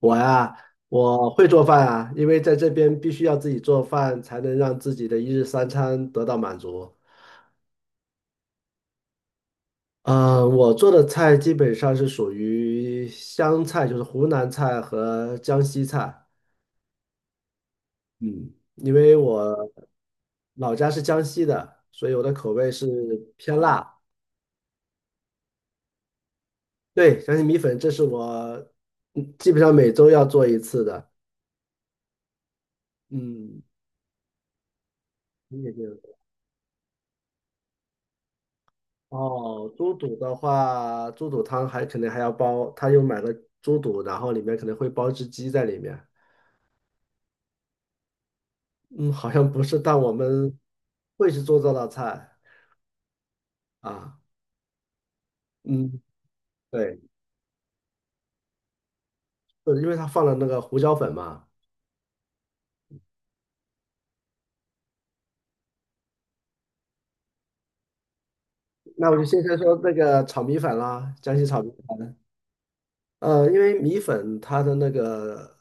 我呀，我会做饭啊，因为在这边必须要自己做饭，才能让自己的一日三餐得到满足。嗯，我做的菜基本上是属于湘菜，就是湖南菜和江西菜。嗯，因为我老家是江西的，所以我的口味是偏辣。对，江西米粉，这是我基本上每周要做一次的。嗯，你也是。哦，猪肚的话，猪肚汤还可能还要包，他又买了猪肚，然后里面可能会包只鸡在里面。嗯，好像不是，但我们会去做这道菜啊。嗯，对，是因为他放了那个胡椒粉嘛。那我就先说那个炒米粉啦，江西炒米粉。因为米粉它的那个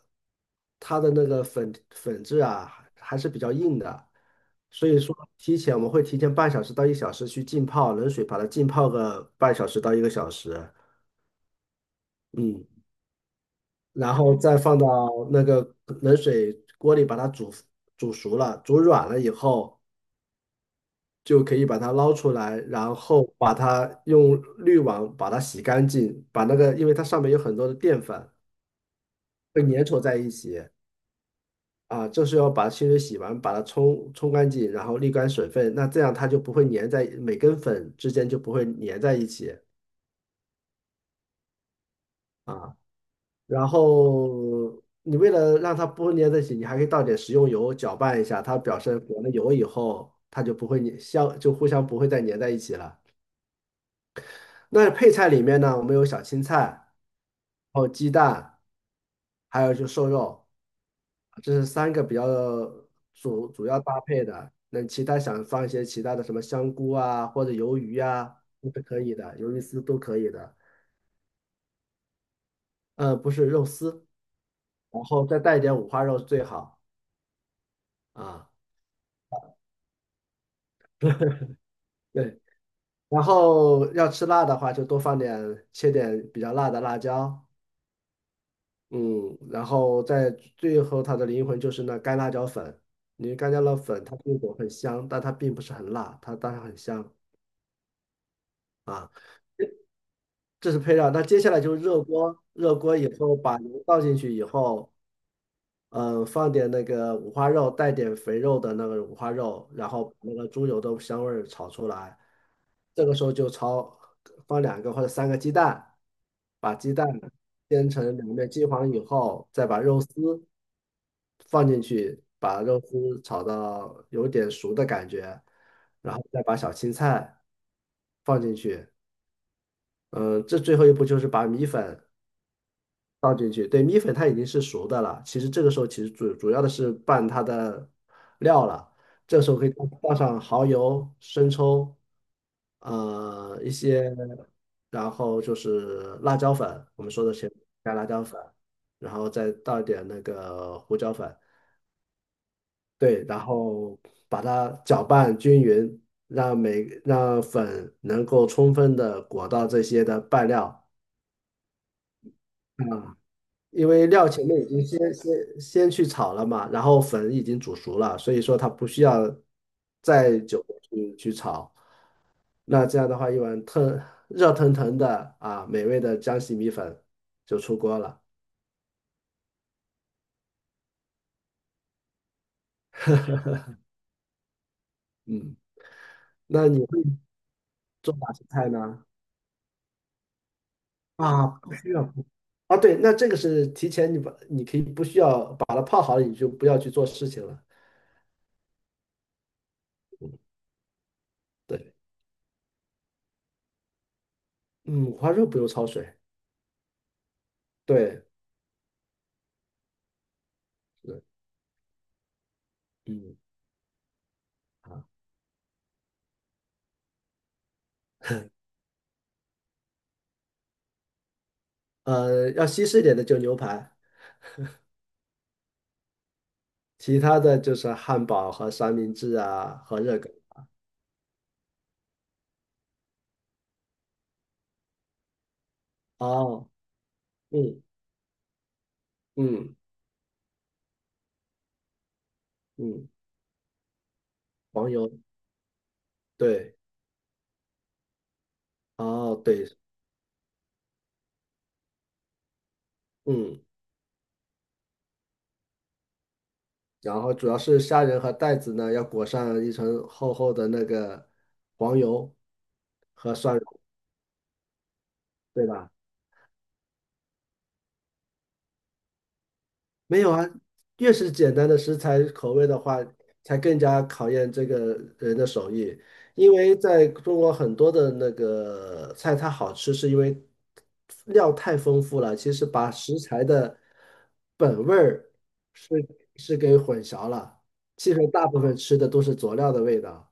粉质啊，还是比较硬的，所以说提前我们会提前半小时到一小时去浸泡冷水，把它浸泡个半小时到一个小时，嗯，然后再放到那个冷水锅里把它煮熟了，煮软了以后就可以把它捞出来，然后把它用滤网把它洗干净，把那个因为它上面有很多的淀粉会粘稠在一起。啊，就是要把清水洗完，把它冲干净，然后沥干水分，那这样它就不会粘在每根粉之间就不会粘在一起啊。然后你为了让它不会粘在一起，你还可以倒点食用油搅拌一下，它表示裹了油以后，它就不会粘相就互相不会再粘在一起了。那配菜里面呢，我们有小青菜，然后鸡蛋，还有就瘦肉。这是三个比较主要搭配的。那其他想放一些其他的什么香菇啊，或者鱿鱼啊，都是可以的，鱿鱼丝都可以的。呃，不是肉丝，然后再带一点五花肉最好啊。对，然后要吃辣的话，就多放点，切点比较辣的辣椒。嗯，然后在最后它的灵魂就是那干辣椒粉，因为干辣椒粉它这种很香，但它并不是很辣，它当然很香。啊。这是配料。那接下来就是热锅，热锅以后把油倒进去以后，嗯，放点那个五花肉，带点肥肉的那个五花肉，然后把那个猪油的香味儿炒出来。这个时候就炒，放两个或者三个鸡蛋，把鸡蛋煎成两面金黄以后，再把肉丝放进去，把肉丝炒到有点熟的感觉，然后再把小青菜放进去。嗯，这最后一步就是把米粉。倒进去，对，米粉它已经是熟的了。其实这个时候其实主要的是拌它的料了。这时候可以倒上蚝油、生抽，一些，然后就是辣椒粉，我们说的前加辣椒粉，然后再倒一点那个胡椒粉，对，然后把它搅拌均匀，让粉能够充分的裹到这些的拌料。啊、因为料前面已经先去炒了嘛，然后粉已经煮熟了，所以说它不需要再久地去炒。那这样的话，一碗特热腾腾的啊，美味的江西米粉就出锅了。嗯，那你会做哪些菜呢？啊，不需要啊，对，那这个是提前你把你可以不需要把它泡好了，你就不要去做事情了。嗯，对，嗯，五花肉不用焯水，对，是，嗯，啊。呃，要西式一点的就牛排，其他的就是汉堡和三明治啊和热狗。哦，嗯嗯嗯，黄油，对，哦对，嗯，然后主要是虾仁和带子呢，要裹上一层厚厚的那个黄油和蒜蓉，对吧？没有啊，越是简单的食材口味的话，才更加考验这个人的手艺。因为在中国很多的那个菜，它好吃是因为料太丰富了，其实把食材的本味儿是是给混淆了。其实大部分吃的都是佐料的味道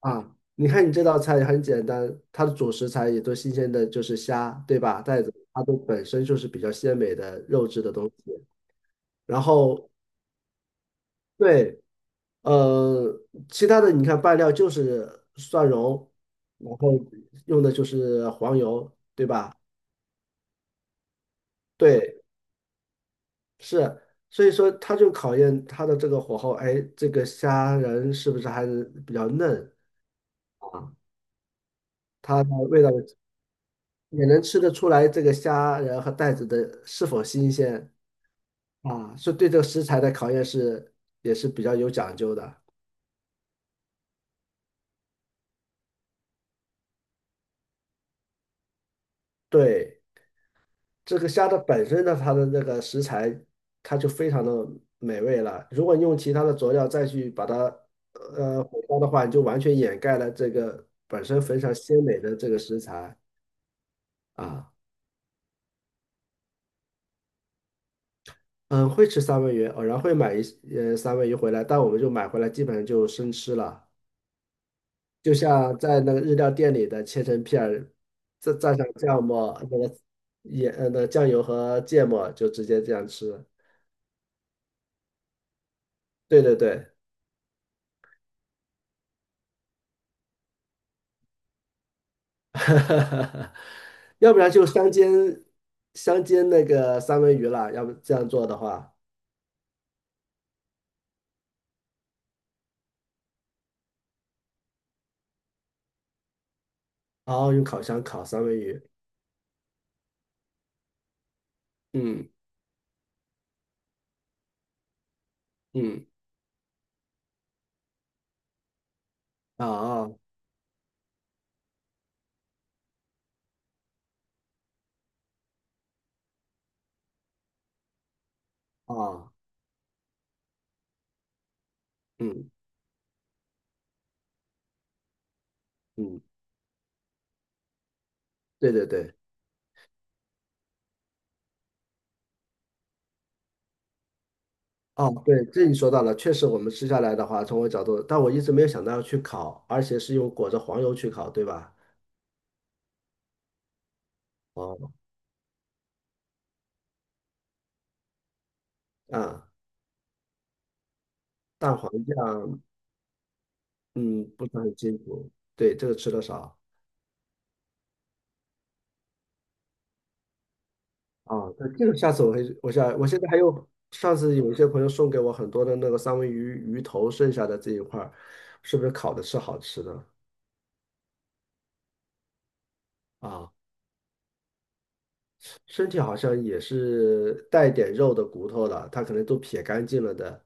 啊。你看你这道菜也很简单，它的主食材也都新鲜的，就是虾，对吧？带子它都本身就是比较鲜美的肉质的东西。然后对，呃，其他的你看拌料就是蒜蓉，然后用的就是黄油，对吧？对，是，所以说它就考验它的这个火候，哎，这个虾仁是不是还是比较嫩啊？它的味道也能吃得出来，这个虾仁和带子的是否新鲜啊？所以对这个食材的考验是也是比较有讲究的，对。这个虾的本身呢，它的那个食材，它就非常的美味了。如果你用其他的佐料再去把它火烧的话，你就完全掩盖了这个本身非常鲜美的这个食材啊。嗯，会吃三文鱼，偶然会买三文鱼回来，但我们就买回来基本上就生吃了。就像在那个日料店里的切成片儿，再蘸上酱末，那个酱油和芥末，就直接这样吃。对对对。哈哈哈要不然就香煎那个三文鱼了，要不这样做的话，然后用烤箱烤三文鱼。嗯嗯啊啊啊，嗯嗯，对对对，哦，对，这你说到了，确实我们吃下来的话，从我角度，但我一直没有想到要去烤，而且是用裹着黄油去烤，对吧？哦，啊，蛋黄酱，嗯，不是很清楚，对，这个吃的少。啊，那这个下次我会，我想我现在还有上次有一些朋友送给我很多的那个三文鱼鱼头剩下的这一块儿，是不是烤的是好吃的啊？身体好像也是带点肉的骨头的，它可能都撇干净了的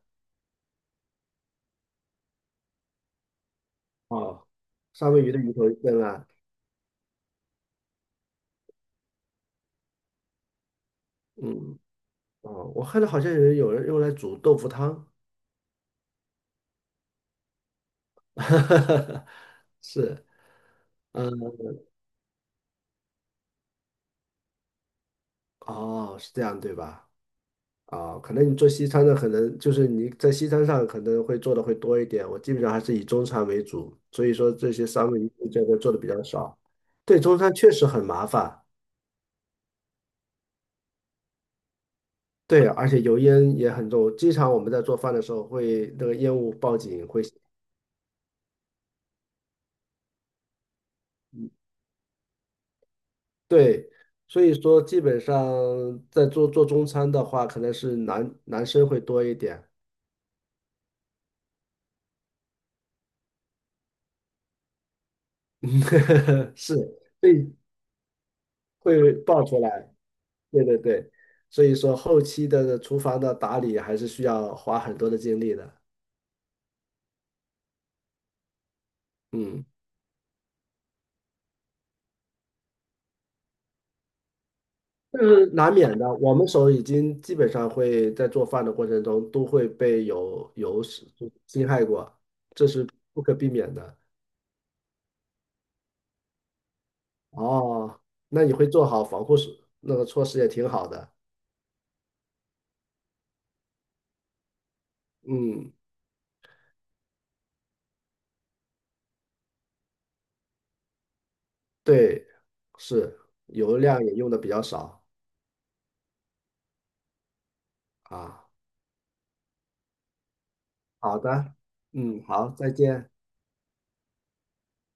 哦，三文鱼的鱼头扔了，嗯，哦，我看到好像有人用来煮豆腐汤，是，嗯，哦，是这样对吧？啊，可能你做西餐的，可能就是你在西餐上可能会做的会多一点。我基本上还是以中餐为主，所以说这些三文鱼这个做的比较少。对，中餐确实很麻烦，对，而且油烟也很重。经常我们在做饭的时候会那个烟雾报警会，对，所以说基本上在做中餐的话，可能是男生会多一点，是，会会爆出来。对对对，所以说后期的厨房的打理还是需要花很多的精力的，嗯，这是难免的。我们手已经基本上会在做饭的过程中都会被有有是侵害过，这是不可避免的。哦，那你会做好防护措那个措施也挺好的，嗯，对，是油量也用的比较少啊。好的，嗯，好，再见。